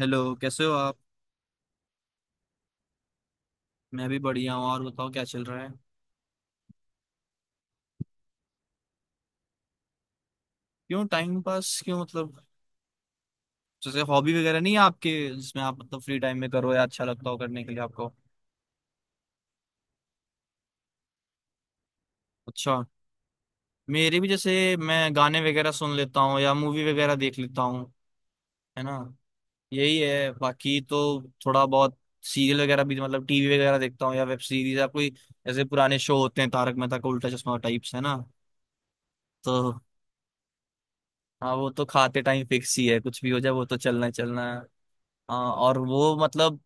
Hello, कैसे हो आप। मैं भी बढ़िया हूँ। और बताओ क्या चल रहा है। क्यों टाइम पास क्यों मतलब। जैसे हॉबी वगैरह नहीं है आपके, जिसमें आप मतलब फ्री टाइम में करो या अच्छा लगता हो करने के लिए आपको। अच्छा। मेरे भी, जैसे मैं गाने वगैरह सुन लेता हूँ या मूवी वगैरह देख लेता हूँ। है ना। यही है बाकी तो। थोड़ा बहुत। सीरियल वगैरह भी मतलब टीवी वगैरह देखता हूँ या वेब सीरीज या कोई। जैसे पुराने शो होते हैं, तारक मेहता का उल्टा चश्मा टाइप्स, है ना। तो। हाँ, वो तो खाते टाइम फिक्स ही है, कुछ भी हो जाए वो तो चलना ही चलना है। हाँ, और वो मतलब।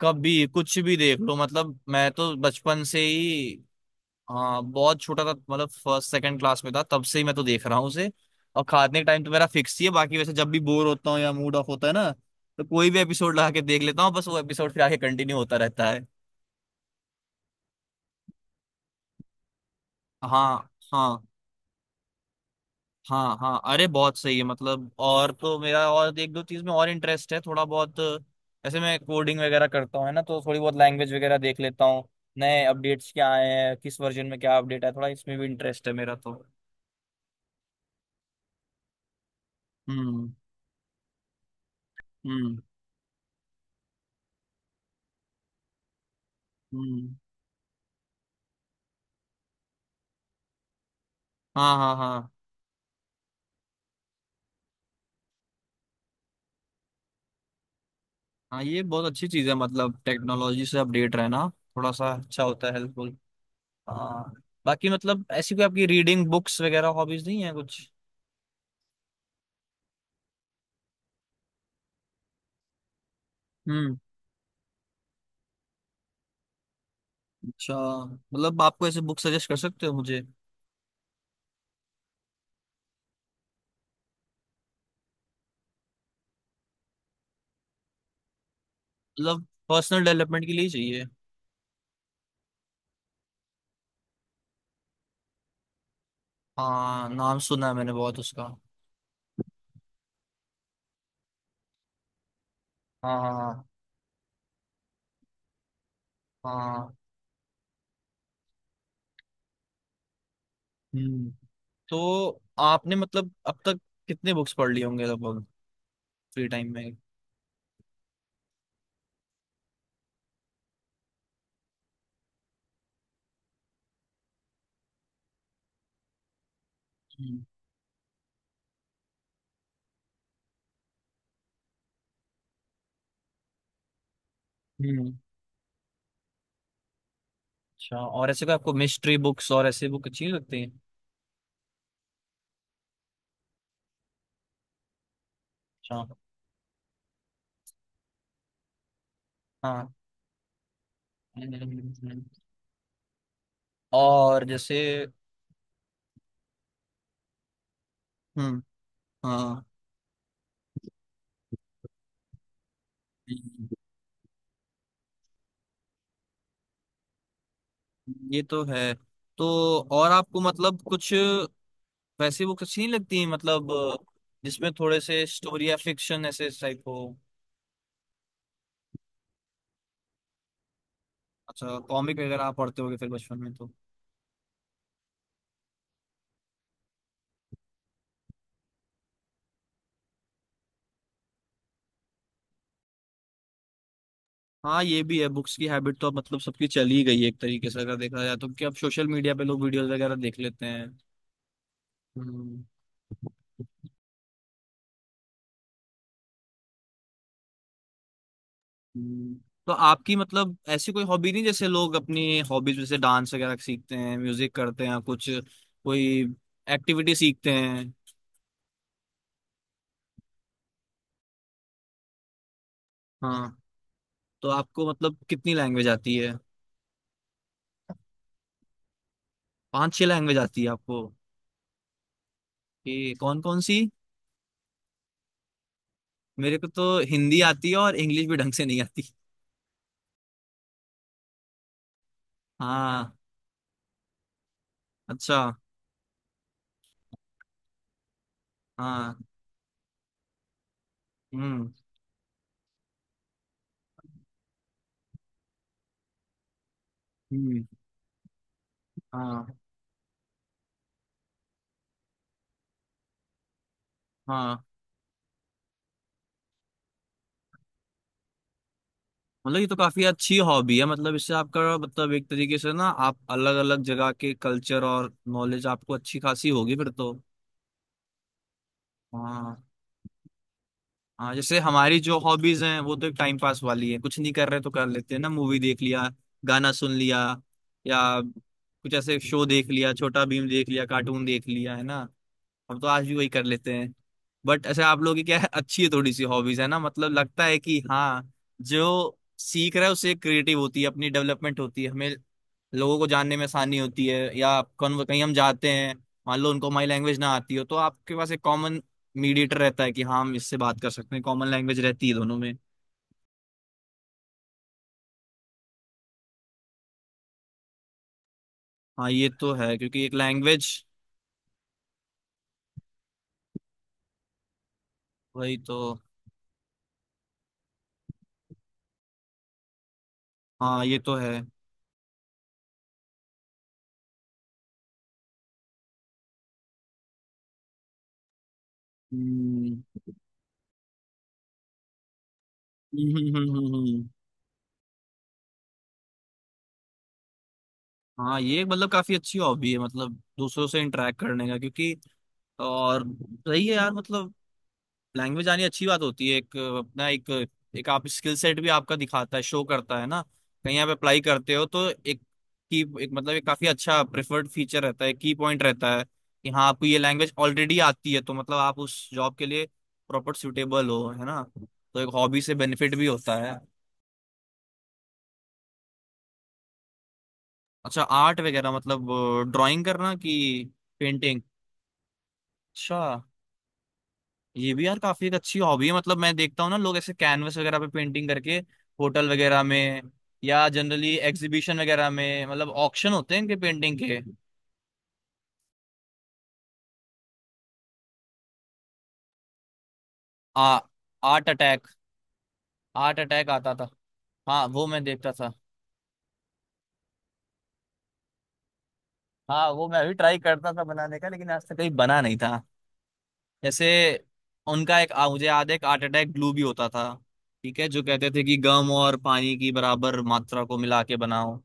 कभी कुछ भी देख लो, मतलब मैं तो बचपन से ही। हाँ, बहुत छोटा था, मतलब फर्स्ट सेकंड क्लास में था, तब से ही मैं तो देख रहा हूँ उसे। और खाने का टाइम तो मेरा फिक्स ही है। बाकी वैसे जब भी बोर होता हूँ या मूड ऑफ होता है ना, तो कोई भी एपिसोड लगा के देख लेता हूँ, बस वो एपिसोड फिर आगे कंटिन्यू होता रहता है। हाँ। हाँ। हाँ हाँ, अरे बहुत सही है। मतलब और तो मेरा और एक दो चीज में और इंटरेस्ट है थोड़ा बहुत। ऐसे मैं कोडिंग वगैरह करता हूँ, है ना, तो थोड़ी बहुत लैंग्वेज वगैरह देख लेता हूँ। नए अपडेट्स क्या आए हैं, किस वर्जन में क्या अपडेट है, थोड़ा इसमें भी इंटरेस्ट है मेरा तो। हम्म। हम्म। हम्म। हाँ हाँ हाँ। हाँ, ये बहुत अच्छी चीज है मतलब टेक्नोलॉजी से अपडेट रहना। थोड़ा सा अच्छा होता है, हेल्पफुल। हाँ। बाकी मतलब ऐसी कोई आपकी रीडिंग बुक्स वगैरह हॉबीज नहीं है कुछ। हम्म। अच्छा। मतलब आपको ऐसे बुक सजेस्ट कर सकते हो मुझे। मतलब पर्सनल डेवलपमेंट के लिए ही चाहिए। हाँ, नाम सुना है मैंने बहुत उसका। हाँ हाँ। हाँ हाँ। हम्म। तो आपने मतलब अब तक कितने बुक्स पढ़ लिए होंगे लगभग, फ्री टाइम में। हम्म। हम्म। अच्छा, और ऐसे कोई आपको मिस्ट्री बुक्स और ऐसे बुक अच्छी लगती हैं। अच्छा। हाँ। हम्म। और जैसे। हम्म। हाँ, ये तो है। तो और आपको मतलब कुछ वैसी बुक्स अच्छी नहीं लगती हैं, मतलब जिसमें थोड़े से स्टोरी या फिक्शन ऐसे टाइप हो। अच्छा, कॉमिक वगैरह आप पढ़ते होगे फिर बचपन में तो। हाँ, ये भी है। बुक्स की हैबिट तो अब मतलब सबकी चली गई है एक तरीके से, अगर देखा जाए तो, कि अब सोशल मीडिया पे लोग वीडियोस वगैरह देख लेते हैं। हम्म। हम्म। तो आपकी मतलब ऐसी कोई हॉबी नहीं, जैसे लोग अपनी हॉबीज जैसे डांस वगैरह सीखते हैं, म्यूजिक करते हैं कुछ, कोई एक्टिविटी सीखते हैं। हाँ। तो आपको मतलब कितनी लैंग्वेज आती है। पांच छह लैंग्वेज आती है आपको, कि कौन कौन सी। मेरे को तो हिंदी आती है, और इंग्लिश भी ढंग से नहीं आती। हाँ। अच्छा। हाँ। हम्म। हम्म। हाँ। हाँ। मतलब ये तो काफी अच्छी हॉबी है, मतलब इससे आपका मतलब एक तरीके से ना, आप अलग अलग जगह के कल्चर और नॉलेज आपको अच्छी खासी होगी फिर तो। हाँ। हाँ, जैसे हमारी जो हॉबीज हैं वो तो एक टाइम पास वाली है, कुछ नहीं कर रहे तो कर लेते हैं ना। मूवी देख लिया, गाना सुन लिया, या कुछ ऐसे शो देख लिया, छोटा भीम देख लिया, कार्टून देख लिया, है ना। हम तो आज भी वही कर लेते हैं। बट अच्छा, आप लोगों की क्या है, अच्छी है थोड़ी सी हॉबीज, है ना, मतलब लगता है कि हाँ, जो सीख रहा है उससे क्रिएटिव होती है, अपनी डेवलपमेंट होती है हमें। लोगों को जानने में आसानी होती है, या कौन कहीं हम जाते हैं, मान लो उनको हमारी लैंग्वेज ना आती हो, तो आपके पास एक कॉमन मीडिएटर रहता है, कि हाँ, हम इससे बात कर सकते हैं, कॉमन लैंग्वेज रहती है दोनों में। हाँ, ये तो है, क्योंकि एक लैंग्वेज। वही तो। हाँ, ये तो है। हम्म हम्म हम्म हम्म हम्म, हम्म। हाँ, ये एक मतलब काफी अच्छी हॉबी है, मतलब दूसरों से इंटरेक्ट करने का, क्योंकि और, सही है यार, मतलब लैंग्वेज आनी अच्छी बात होती है, एक अपना एक, एक आप स्किल सेट भी आपका दिखाता है, शो करता है ना। कहीं आप अप्लाई करते हो तो एक की, एक मतलब एक काफी अच्छा प्रेफर्ड फीचर रहता है, की पॉइंट रहता है कि हाँ, आपको ये लैंग्वेज ऑलरेडी आती है तो मतलब आप उस जॉब के लिए प्रॉपर सुटेबल हो, है ना, तो एक हॉबी से बेनिफिट भी होता है। अच्छा, आर्ट वगैरह मतलब ड्राइंग करना, कि पेंटिंग। अच्छा। ये भी यार काफी एक अच्छी हॉबी है, मतलब मैं देखता हूँ ना, लोग ऐसे कैनवस वगैरह पे पेंटिंग करके होटल वगैरह में, या जनरली एग्जीबिशन वगैरह में मतलब ऑक्शन होते हैं इनके पेंटिंग के। आ आर्ट अटैक। आर्ट अटैक आता था। हाँ, वो मैं देखता था। हाँ, वो मैं अभी ट्राई करता था बनाने का, लेकिन आज तक कहीं बना नहीं था। जैसे उनका एक मुझे याद है, एक आर्ट अटैक ग्लू भी होता था। ठीक है, जो कहते थे कि गम और पानी की बराबर मात्रा को मिला के बनाओ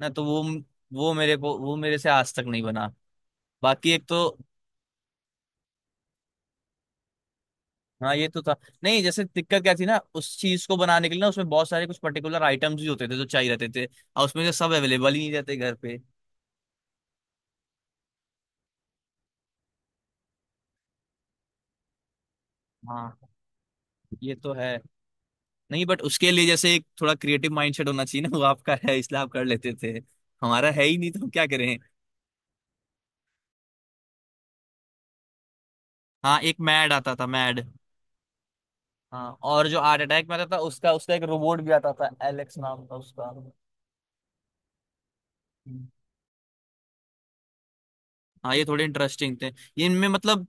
ना, तो वो मेरे को वो मेरे से आज तक नहीं बना। बाकी एक तो। हाँ, ये तो था। नहीं, जैसे दिक्कत क्या थी ना उस चीज को बनाने के लिए ना, उसमें बहुत सारे कुछ पर्टिकुलर आइटम्स भी होते थे जो चाहिए रहते थे, और उसमें से सब अवेलेबल ही नहीं रहते घर पे। हाँ, ये तो है। नहीं, बट उसके लिए जैसे एक थोड़ा क्रिएटिव माइंडसेट होना चाहिए ना, वो आपका है इसलिए आप कर लेते थे। हमारा है ही नहीं तो हम क्या करें। हाँ, एक मैड आता था, मैड। हाँ, और जो हार्ट अटैक में आता था, उसका उसका एक रोबोट भी आता था, एलेक्स नाम था उसका। हम्म। हाँ, ये थोड़े इंटरेस्टिंग थे ये, इनमें मतलब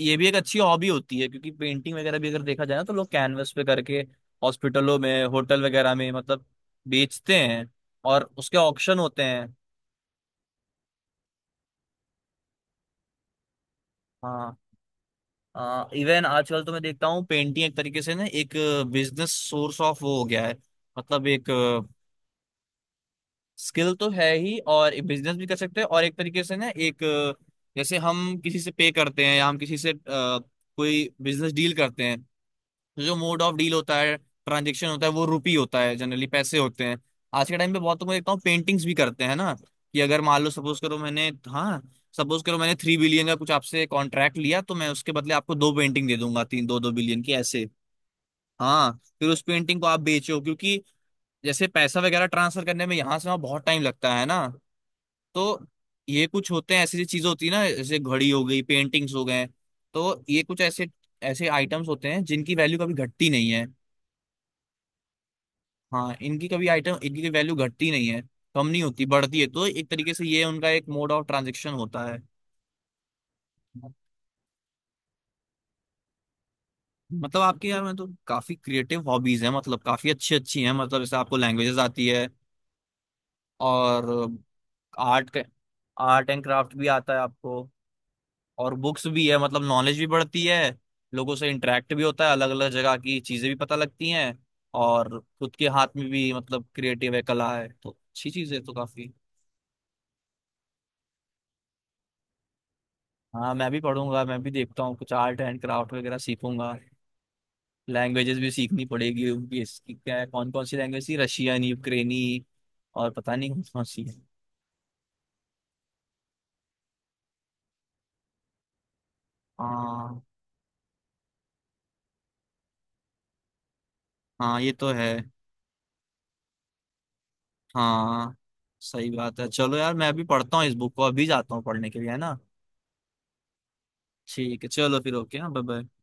ये भी एक अच्छी हॉबी होती है, क्योंकि पेंटिंग वगैरह भी अगर देखा जाए ना, तो लोग कैनवस पे करके हॉस्पिटलों में, होटल वगैरह में मतलब बेचते हैं, और उसके ऑक्शन होते हैं। हाँ, इवन आजकल तो मैं देखता हूँ पेंटिंग एक तरीके से ना, एक बिजनेस सोर्स ऑफ वो हो गया है। मतलब एक स्किल तो है ही, और बिजनेस भी कर सकते हैं, और एक तरीके से ना एक जैसे हम किसी से पे करते हैं, या हम किसी से कोई बिजनेस डील करते हैं, तो जो मोड ऑफ डील होता है, ट्रांजेक्शन होता है वो रुपी होता है, जनरली पैसे होते हैं। आज के टाइम पे बहुत तो मैं देखता हूँ पेंटिंग्स भी करते हैं ना, कि अगर मान लो, सपोज करो मैंने, हाँ, सपोज करो मैंने 3 बिलियन का कुछ आपसे कॉन्ट्रैक्ट लिया, तो मैं उसके बदले आपको दो पेंटिंग दे दूंगा, तीन, 2-2 बिलियन की ऐसे। हाँ। फिर उस पेंटिंग को आप बेचो, क्योंकि जैसे पैसा वगैरह ट्रांसफर करने में यहाँ से वहाँ बहुत टाइम लगता है ना, तो ये कुछ होते हैं, ऐसी चीजें होती है ना, जैसे घड़ी हो गई, पेंटिंग्स हो गए, तो ये कुछ ऐसे ऐसे आइटम्स होते हैं जिनकी वैल्यू कभी घटती नहीं है। हाँ, इनकी कभी वैल्यू घटती नहीं है, कम नहीं होती, बढ़ती है, तो एक तरीके से ये उनका एक मोड ऑफ ट्रांजेक्शन होता है। मतलब आपके, यार, में तो काफी क्रिएटिव हॉबीज हैं, मतलब काफी अच्छी अच्छी हैं, मतलब जैसे आपको लैंग्वेजेस आती है, और आर्ट आर्ट एंड क्राफ्ट भी आता है आपको, और बुक्स भी है, मतलब नॉलेज भी बढ़ती है, लोगों से इंटरेक्ट भी होता है, अलग अलग जगह की चीजें भी पता लगती हैं, और खुद के हाथ में भी मतलब क्रिएटिव है, कला है, तो अच्छी चीज है तो काफी। हाँ, मैं भी पढ़ूंगा, मैं भी देखता हूँ कुछ आर्ट एंड क्राफ्ट वगैरह सीखूंगा। लैंग्वेजेस भी सीखनी पड़ेगी, उनकी इसकी क्या है, कौन कौन सी लैंग्वेज थी, रशियन, यूक्रेनी, और पता नहीं कौन कौन सी है। हाँ। हाँ, ये तो है। हाँ, सही बात है। चलो यार, मैं अभी पढ़ता हूँ इस बुक को, अभी जाता हूँ पढ़ने के लिए, है ना। ठीक है, चलो फिर ओके, हाँ, बाय बाय।